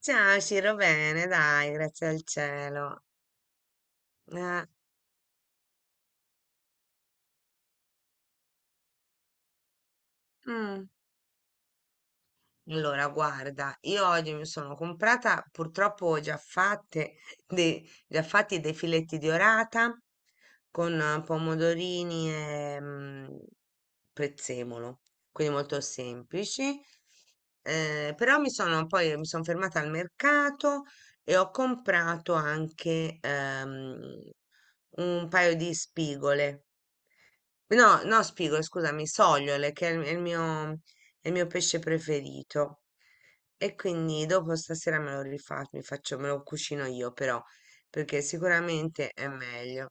Ciao Ciro, bene, dai, grazie al cielo. Eh. Mm. Allora, guarda, io oggi mi sono comprata, purtroppo ho già fatte già fatti dei filetti di orata con pomodorini e prezzemolo, quindi molto semplici. Però mi sono poi mi sono fermata al mercato e ho comprato anche un paio di spigole. No, no, spigolo, scusami, sogliole, che è il mio pesce preferito. E quindi dopo stasera me lo rifaccio, mi faccio, me lo cucino io, però, perché sicuramente è meglio.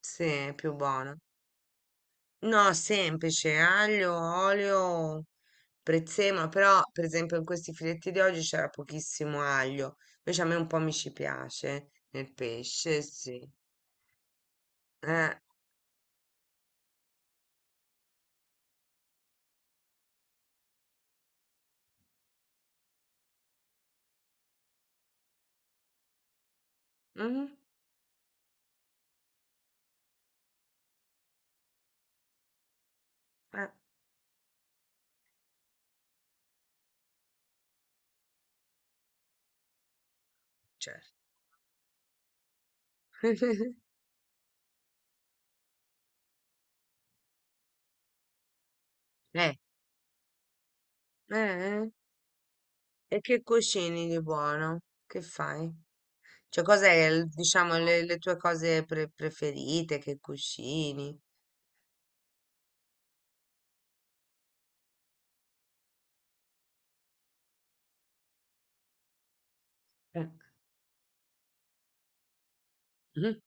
Sì, è più buono. No, semplice, aglio, olio, prezzemolo, però per esempio in questi filetti di oggi c'era pochissimo aglio, invece a me un po' mi ci piace nel pesce, sì. Eh. Mhm. Eh. Certo. Eh. Eh. Eh. E che cucini di buono? Che fai? Cioè, cos'è, diciamo, le tue cose preferite? Che cucini? Eh. Mhm.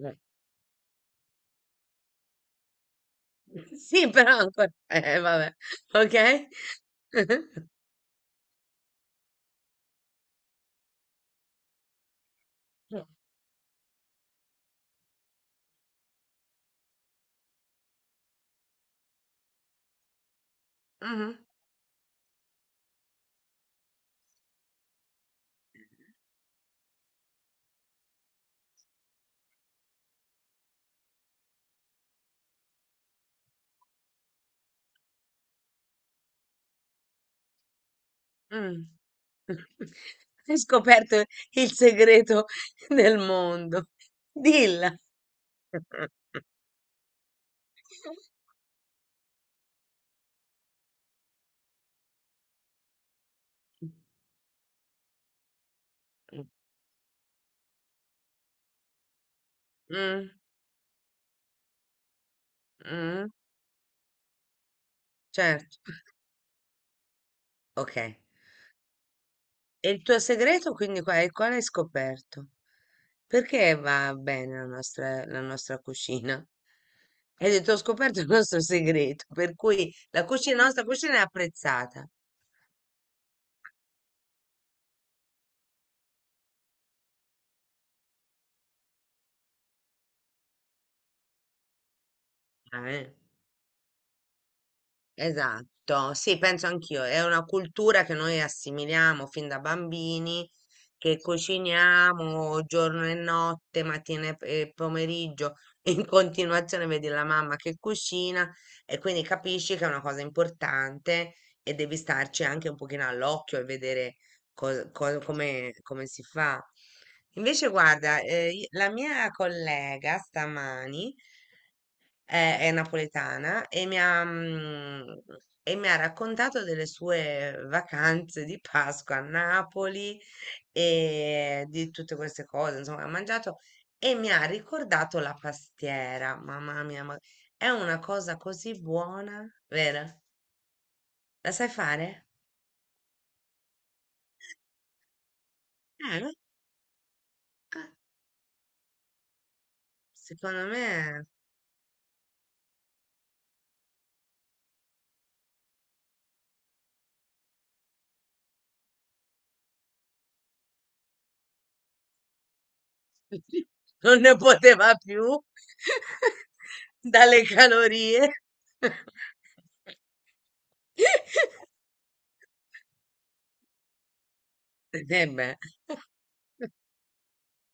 Eh. Sì, però ancora. Vabbè. Ok? Eh. Mhm. Mm. Hai scoperto il segreto del mondo. Dilla. Mm, mm, certo. Ok. E il tuo segreto, quindi, qual è? Qual hai scoperto? Perché va bene la nostra cucina? Hai detto: "Ho scoperto il nostro segreto", per cui la nostra cucina è apprezzata. Ah. Eh. Esatto, sì, penso anch'io. È una cultura che noi assimiliamo fin da bambini, che cuciniamo giorno e notte, mattina e pomeriggio, in continuazione vedi la mamma che cucina e quindi capisci che è una cosa importante e devi starci anche un pochino all'occhio e vedere come si fa. Invece, guarda, la mia collega stamani è napoletana e e mi ha raccontato delle sue vacanze di Pasqua a Napoli e di tutte queste cose, insomma, ha mangiato e mi ha ricordato la pastiera. Mamma mia, ma è una cosa così buona, vero? La sai fare? No? Secondo me. Non ne poteva più dalle calorie. Eh beh.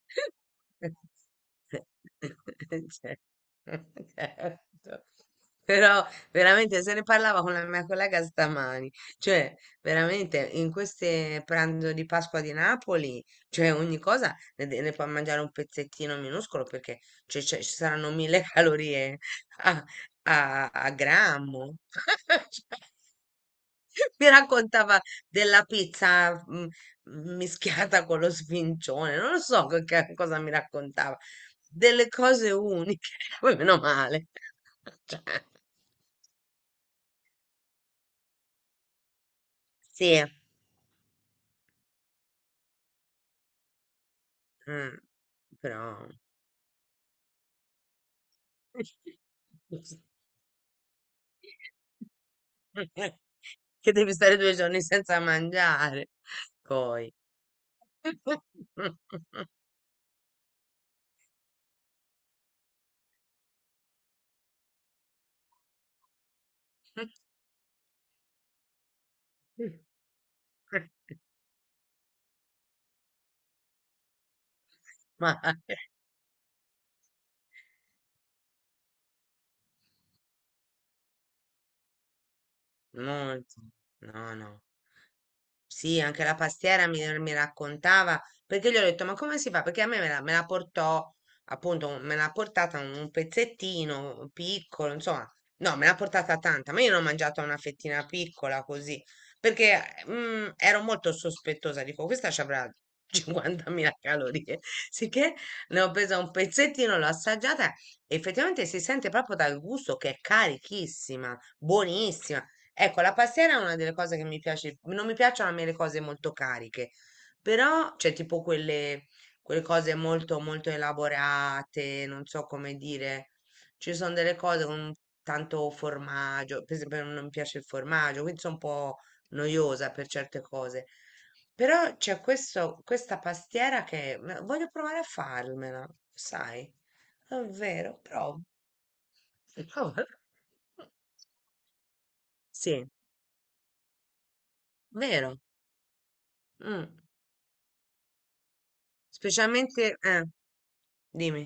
Cioè. Certo. Però veramente se ne parlava con la mia collega stamani, cioè veramente in queste pranzo di Pasqua di Napoli, cioè ogni cosa ne puoi mangiare un pezzettino minuscolo perché cioè, ci saranno mille calorie a, a grammo. Mi raccontava della pizza mischiata con lo sfincione, non lo so che cosa mi raccontava, delle cose uniche, poi meno male. Cioè, sì, mm, però... che devi stare due giorni senza mangiare, poi. Ma, eh, molto, no, no. Sì, anche la pastiera mi raccontava, perché gli ho detto, ma come si fa? Perché a me la portò, appunto, me l'ha portata un pezzettino piccolo, insomma, no, me l'ha portata tanta, ma io ne ho mangiata una fettina piccola così, perché ero molto sospettosa, dico, questa ci avrà 50.000 calorie, sicché ne ho presa un pezzettino, l'ho assaggiata, e effettivamente si sente proprio dal gusto che è carichissima, buonissima. Ecco, la pastiera è una delle cose che mi piace, non mi piacciono a me le cose molto cariche, però c'è tipo quelle cose molto molto elaborate, non so come dire, ci sono delle cose con tanto formaggio, per esempio non mi piace il formaggio, quindi sono un po' noiosa per certe cose, però c'è questo, questa pastiera che ma voglio provare a farmela, sai, è vero, provo. Sì, vero. Mm. Specialmente, dimmi,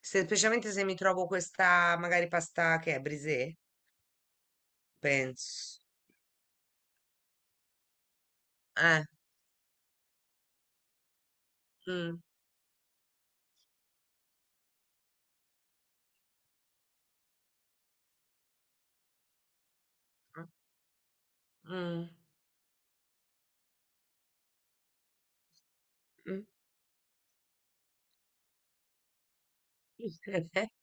se, specialmente se mi trovo questa magari pasta che è brisée, penso. Eh. Mm. Mm. Mm.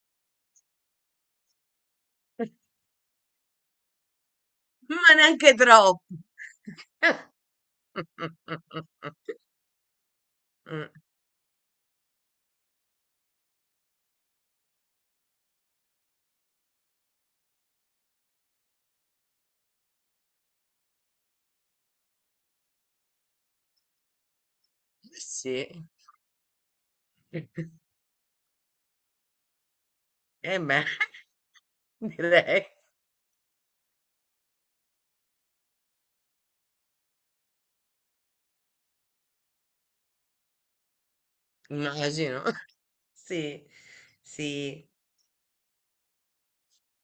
Ma neanche troppo. Mm. Sì. Eh beh, direi. Immagino. Sì, sì.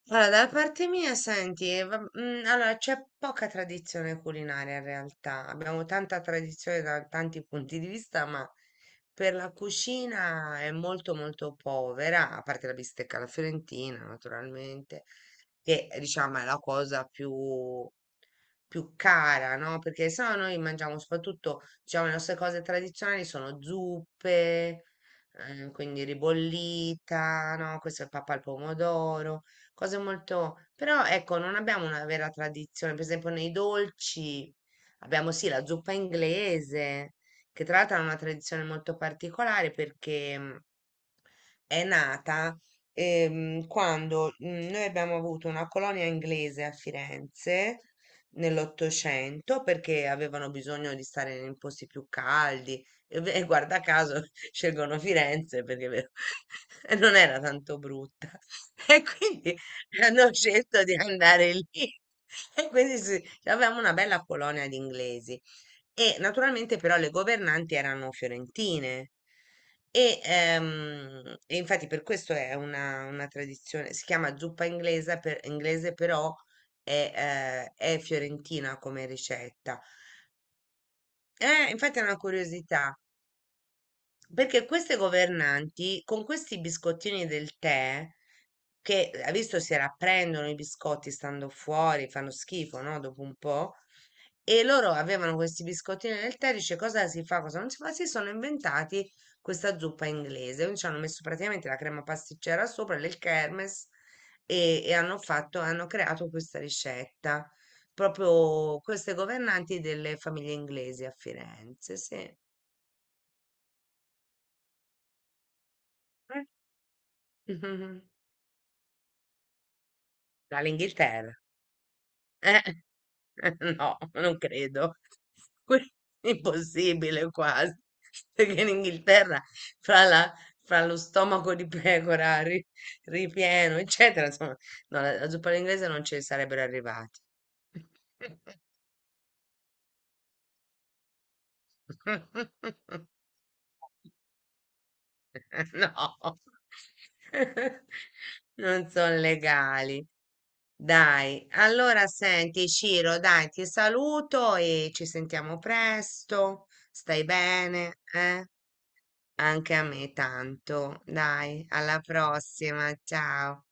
Allora, da parte mia, senti, allora, c'è poca tradizione culinaria in realtà. Abbiamo tanta tradizione da tanti punti di vista, ma per la cucina è molto molto povera, a parte la bistecca alla fiorentina, naturalmente, che diciamo è la cosa più cara, no? Perché se no noi mangiamo soprattutto, diciamo, le nostre cose tradizionali sono zuppe, quindi ribollita, no? Questo è il pappa al pomodoro, cose molto... Però ecco, non abbiamo una vera tradizione, per esempio nei dolci abbiamo sì la zuppa inglese, che tra l'altro ha una tradizione molto particolare perché è nata, quando noi abbiamo avuto una colonia inglese a Firenze nell'Ottocento perché avevano bisogno di stare in posti più caldi e, e guarda caso scelgono Firenze perché non era tanto brutta e quindi hanno scelto di andare lì e quindi sì, avevamo una bella colonia di inglesi e naturalmente però le governanti erano fiorentine e infatti per questo è una tradizione, si chiama zuppa inglese, inglese però è fiorentina come ricetta. Infatti è una curiosità, perché queste governanti con questi biscottini del tè, che ha visto si rapprendono i biscotti stando fuori, fanno schifo, no? Dopo un po', e loro avevano questi biscottini nel tè, dice cosa si fa, cosa non si fa, si sono inventati questa zuppa inglese, quindi ci hanno messo praticamente la crema pasticcera sopra, del kermes e hanno fatto, hanno creato questa ricetta, proprio queste governanti delle famiglie inglesi a Firenze, sì. Eh. Dall'Inghilterra. Eh, no, non credo. Que- Impossibile quasi, perché in Inghilterra fra, la- fra lo stomaco di pecora ripieno, eccetera, insomma, no, la zuppa all'inglese non ci sarebbero arrivati. No, non sono legali. Dai, allora senti, Ciro, dai, ti saluto e ci sentiamo presto. Stai bene, eh? Anche a me tanto. Dai, alla prossima, ciao.